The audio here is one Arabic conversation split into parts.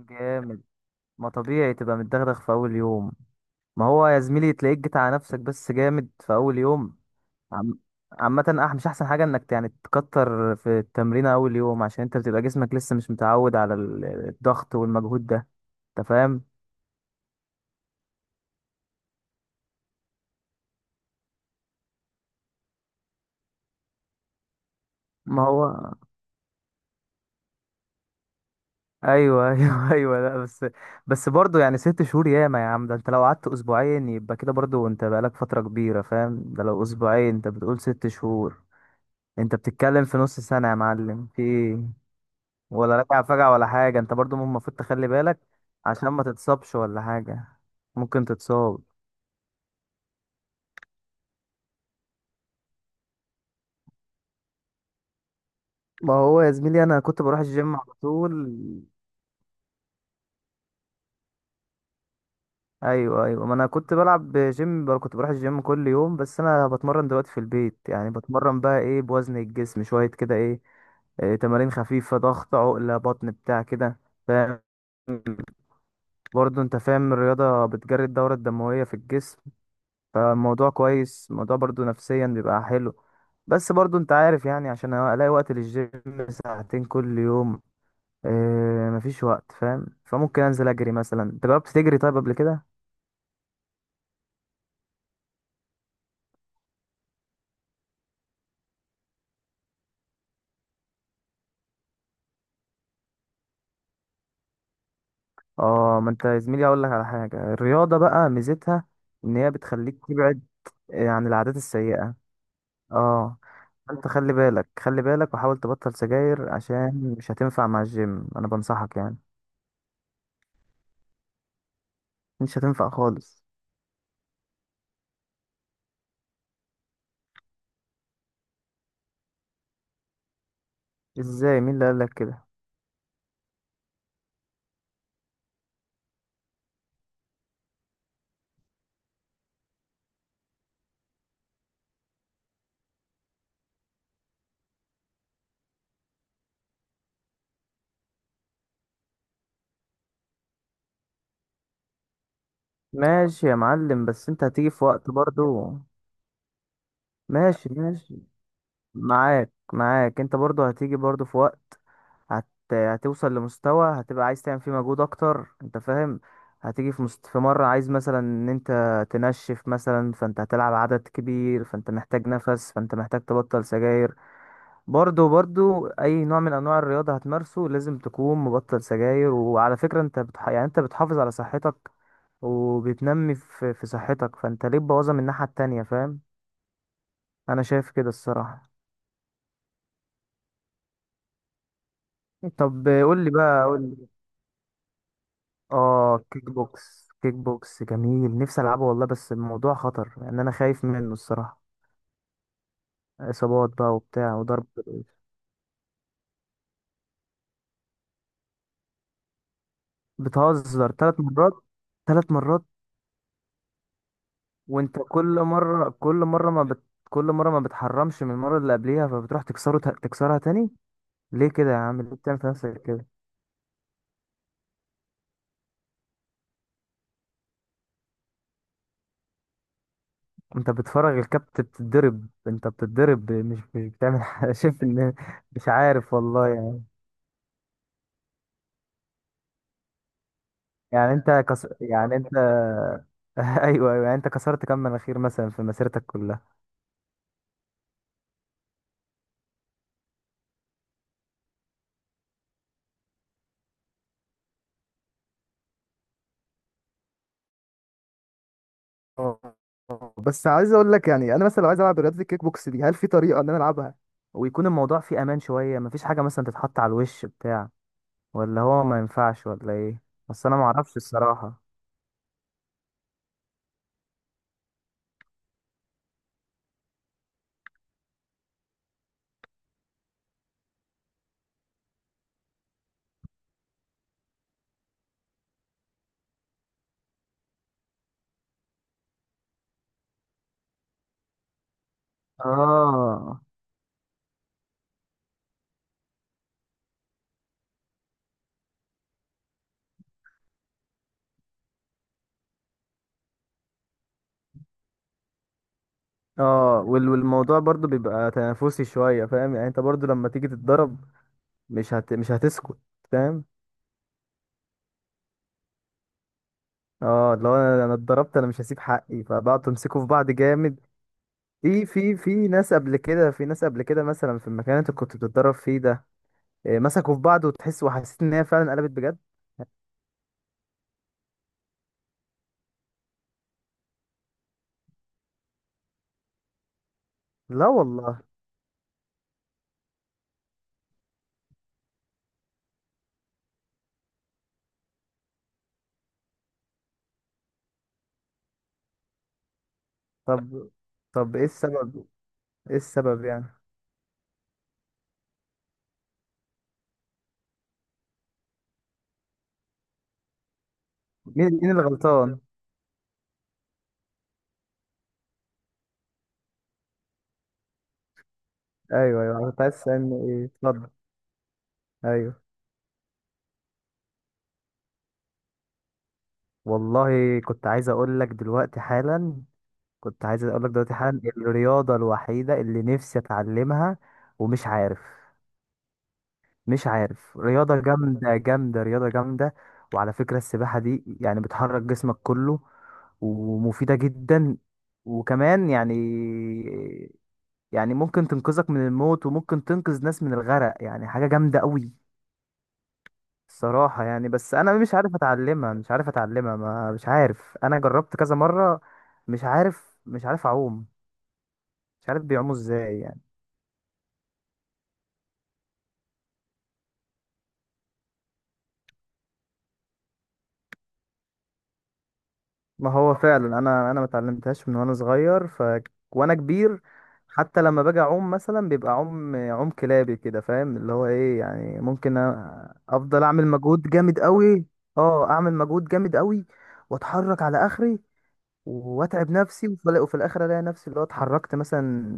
جامد. ما طبيعي تبقى متدغدغ في اول يوم. ما هو يا زميلي تلاقيك جيت على نفسك بس جامد في اول يوم. عم... عامة مش أحسن حاجة إنك يعني تكتر في التمرين أول يوم، عشان أنت بتبقى جسمك لسه مش متعود على الضغط والمجهود ده. أنت فاهم؟ ما هو أيوه أيوه أيوه لا بس برضه يعني ست شهور ياما يا عم، ده أنت لو قعدت أسبوعين يبقى كده برضه أنت بقالك فترة كبيرة، فاهم؟ ده لو أسبوعين أنت بتقول ست شهور، أنت بتتكلم في نص سنة يا معلم، في إيه؟ ولا راجع فجأة ولا حاجة، انت برضو المفروض تخلي بالك عشان ما تتصابش ولا حاجة. ممكن تتصاب. ما هو يا زميلي انا كنت بروح الجيم على طول. ايوه ايوه، ما انا كنت بلعب جيم كنت بروح الجيم كل يوم، بس انا بتمرن دلوقتي في البيت، يعني بتمرن بقى ايه بوزن الجسم شوية كده ايه، إيه تمارين خفيفة، ضغط، عقلة، بطن، بتاع كده، فاهم؟ برضو انت فاهم الرياضة بتجري الدورة الدموية في الجسم، فالموضوع كويس، الموضوع برضو نفسيا بيبقى حلو. بس برضو انت عارف يعني عشان الاقي وقت للجيم، ساعتين كل يوم، اه مفيش وقت، فاهم؟ فممكن انزل اجري مثلا. انت جربت تجري طيب قبل كده؟ اه، ما انت يا زميلي اقول لك على حاجة، الرياضة بقى ميزتها ان هي بتخليك تبعد عن العادات السيئة. اه. انت خلي بالك خلي بالك وحاول تبطل سجاير عشان مش هتنفع مع الجيم، انا بنصحك يعني. مش هتنفع خالص. ازاي؟ مين اللي قالك كده؟ ماشي يا معلم، بس انت هتيجي في وقت برضو. ماشي ماشي. معاك معاك. انت برضو هتيجي برضو في وقت، هت... هتوصل لمستوى هتبقى عايز تعمل فيه مجهود اكتر، انت فاهم؟ هتيجي في في مرة عايز مثلا ان انت تنشف مثلا، فانت هتلعب عدد كبير، فانت محتاج نفس، فانت محتاج تبطل سجاير. برضو برضو اي نوع من انواع الرياضة هتمارسه لازم تكون مبطل سجاير. وعلى فكرة انت يعني انت بتحافظ على صحتك وبتنمي في صحتك، فانت ليه تبوظها من الناحية التانية، فاهم؟ انا شايف كده الصراحة. طب قول لي بقى، قول لي. اه، كيك بوكس كيك بوكس جميل، نفسي العبه والله، بس الموضوع خطر لان انا خايف منه الصراحة. اصابات بقى وبتاع وضرب بالإيد. بتهزر؟ ثلاث مرات. ثلاث مرات. وانت كل مرة كل مرة ما بت... كل مرة ما بتحرمش من المرة اللي قبلها، فبتروح تكسرها تاني. ليه كده يا عم؟ ليه بتعمل في نفسك كده؟ انت بتفرج الكابت بتتضرب، انت بتتضرب، مش بتعمل حاجة شايف ان مش عارف والله يعني انت يعني انت ايوه ايوه، يعني انت كسرت كم مناخير مثلا في مسيرتك كلها؟ اه. آه. بس عايز اقول لك يعني انا مثلا لو عايز العب رياضه الكيك بوكس دي، هل في طريقه ان انا العبها ويكون الموضوع فيه امان شويه؟ مفيش حاجه مثلا تتحط على الوش بتاع؟ ولا هو ما ينفعش ولا ايه؟ بس انا ما اعرفش الصراحه. اه. اه، والموضوع برضو بيبقى تنافسي شوية، فاهم؟ يعني انت برضو لما تيجي تتضرب مش هتسكت، فاهم؟ اه لو انا اتضربت انا مش هسيب حقي، فبقعد تمسكوا في بعض جامد. في ناس قبل كده، في ناس قبل كده مثلا في المكان اللي انت كنت بتتدرب فيه ده، إيه، مسكوا في بعض وحسيت ان هي فعلا قلبت بجد؟ لا والله. طب. طب ايه السبب؟ ايه السبب يعني؟ مين اللي غلطان؟ ايوه ايوه، كنت عايز تسألني ايه، اتفضل. ايوه. والله كنت عايز اقول لك دلوقتي حالا، كنت عايز اقول لك دلوقتي حالا الرياضة الوحيدة اللي نفسي اتعلمها، ومش عارف. مش عارف، رياضة جامدة جامدة، رياضة جامدة. وعلى فكرة السباحة دي يعني بتحرك جسمك كله، ومفيدة جدا، وكمان يعني ممكن تنقذك من الموت وممكن تنقذ ناس من الغرق، يعني حاجة جامدة قوي الصراحة يعني. بس أنا مش عارف أتعلمها، مش عارف أتعلمها. ما مش عارف. أنا جربت كذا مرة. مش عارف أعوم. مش عارف بيعوموا إزاي يعني. ما هو فعلا انا ما اتعلمتهاش من وانا صغير، وانا كبير حتى لما باجي اعوم مثلا بيبقى عوم عوم كلابي كده، فاهم؟ اللي هو ايه يعني ممكن افضل اعمل مجهود جامد قوي. اه، اعمل مجهود جامد قوي واتحرك على اخري واتعب نفسي، وفي الاخر الاقي نفسي اللي هو اتحركت مثلا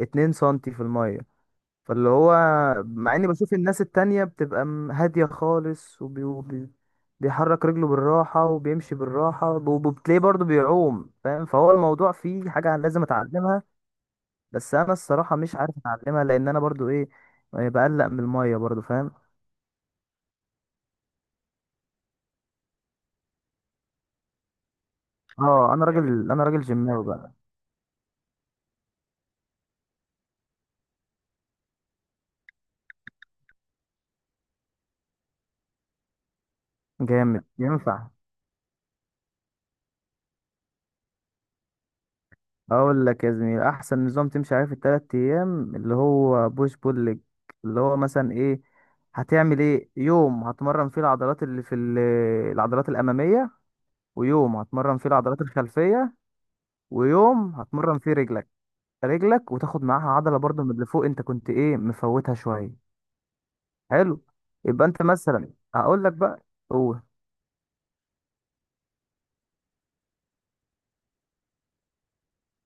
2 سنتي في الميه. فاللي هو مع اني بشوف الناس التانية بتبقى هادية خالص، بيحرك رجله بالراحة وبيمشي بالراحة وبتلاقيه برضه بيعوم، فاهم؟ فهو الموضوع فيه حاجة لازم اتعلمها، بس انا الصراحة مش عارف اتعلمها لان انا برضه ايه يعني، بقلق من المية برضه، فاهم؟ اه، انا راجل جيماوي بقى. جامد، ينفع. اقول لك يا زميلي احسن نظام تمشي عليه في الثلاث ايام، اللي هو بوش بول ليج. اللي هو مثلا ايه، هتعمل ايه، يوم هتمرن فيه العضلات اللي في العضلات الاماميه، ويوم هتمرن فيه العضلات الخلفيه، ويوم هتمرن فيه رجلك. رجلك وتاخد معاها عضله برضو من اللي فوق انت كنت ايه مفوتها شويه. حلو. يبقى انت مثلا هقول لك بقى. قول.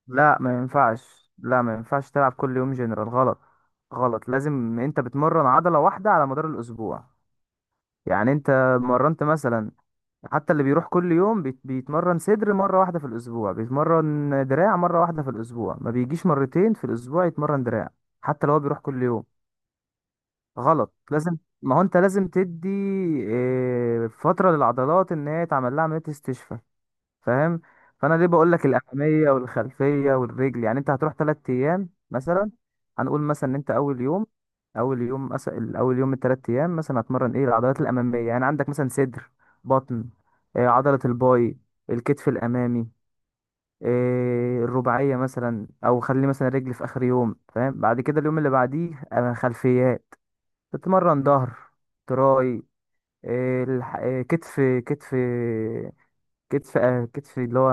لا ما ينفعش، لا ما ينفعش تلعب كل يوم جنرال، غلط. غلط، لازم انت بتمرن عضله واحده على مدار الاسبوع. يعني انت مرنت مثلا، حتى اللي بيروح كل يوم بيتمرن صدر مرة واحدة في الأسبوع، بيتمرن دراع مرة واحدة في الأسبوع، ما بيجيش مرتين في الأسبوع يتمرن دراع، حتى لو هو بيروح كل يوم. غلط. ما هو انت لازم تدي اه، فترة للعضلات ان هي تعمل لها عملية استشفاء، فاهم؟ فانا ليه بقول لك الاماميه والخلفيه والرجل، يعني انت هتروح ثلاث ايام مثلا. هنقول مثلا ان انت اول يوم، اول يوم مثلا، اول يوم من الثلاث ايام مثلا هتمرن ايه؟ العضلات الاماميه، يعني عندك مثلا صدر، بطن، عضله الباي، الكتف الامامي، الرباعيه مثلا، او خلي مثلا الرجل في اخر يوم، فاهم؟ بعد كده اليوم اللي بعديه خلفيات، تتمرن ظهر، تراي، كتف، كتف، كتف، كتف اللي هو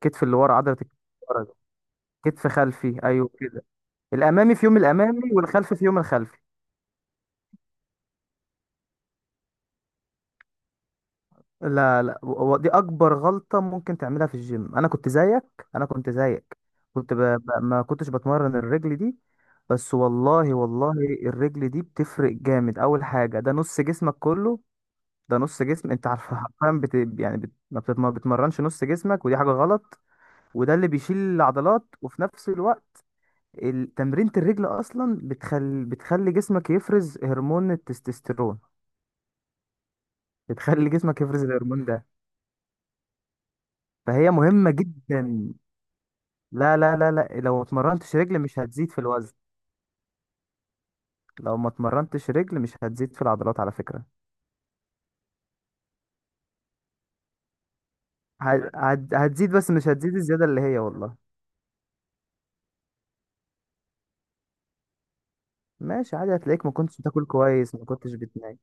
كتف اللي ورا، عضلة الكتف اللي ورا. كتف خلفي، ايوه كده. الامامي في يوم الامامي والخلفي في يوم الخلفي. لا لا، دي اكبر غلطة ممكن تعملها في الجيم. انا كنت زيك، انا كنت زيك، ما كنتش بتمرن الرجل دي. بس والله والله الرجل دي بتفرق جامد. اول حاجة ده نص جسمك كله، ده نص جسم انت عارف حرفيا بت... يعني بت... ما بتت- ما بتمرنش نص جسمك، ودي حاجة غلط. وده اللي بيشيل العضلات، وفي نفس الوقت تمرينة الرجل أصلا بتخلي جسمك يفرز هرمون التستوستيرون، بتخلي جسمك يفرز الهرمون ده، فهي مهمة جدا. لا لا لا لا، لو ما اتمرنتش رجل مش هتزيد في الوزن، لو ما اتمرنتش رجل مش هتزيد في العضلات على فكرة. هتزيد بس مش هتزيد الزيادة اللي هي والله. ماشي، عادي، هتلاقيك ما كنتش بتاكل كويس، ما كنتش بتنام.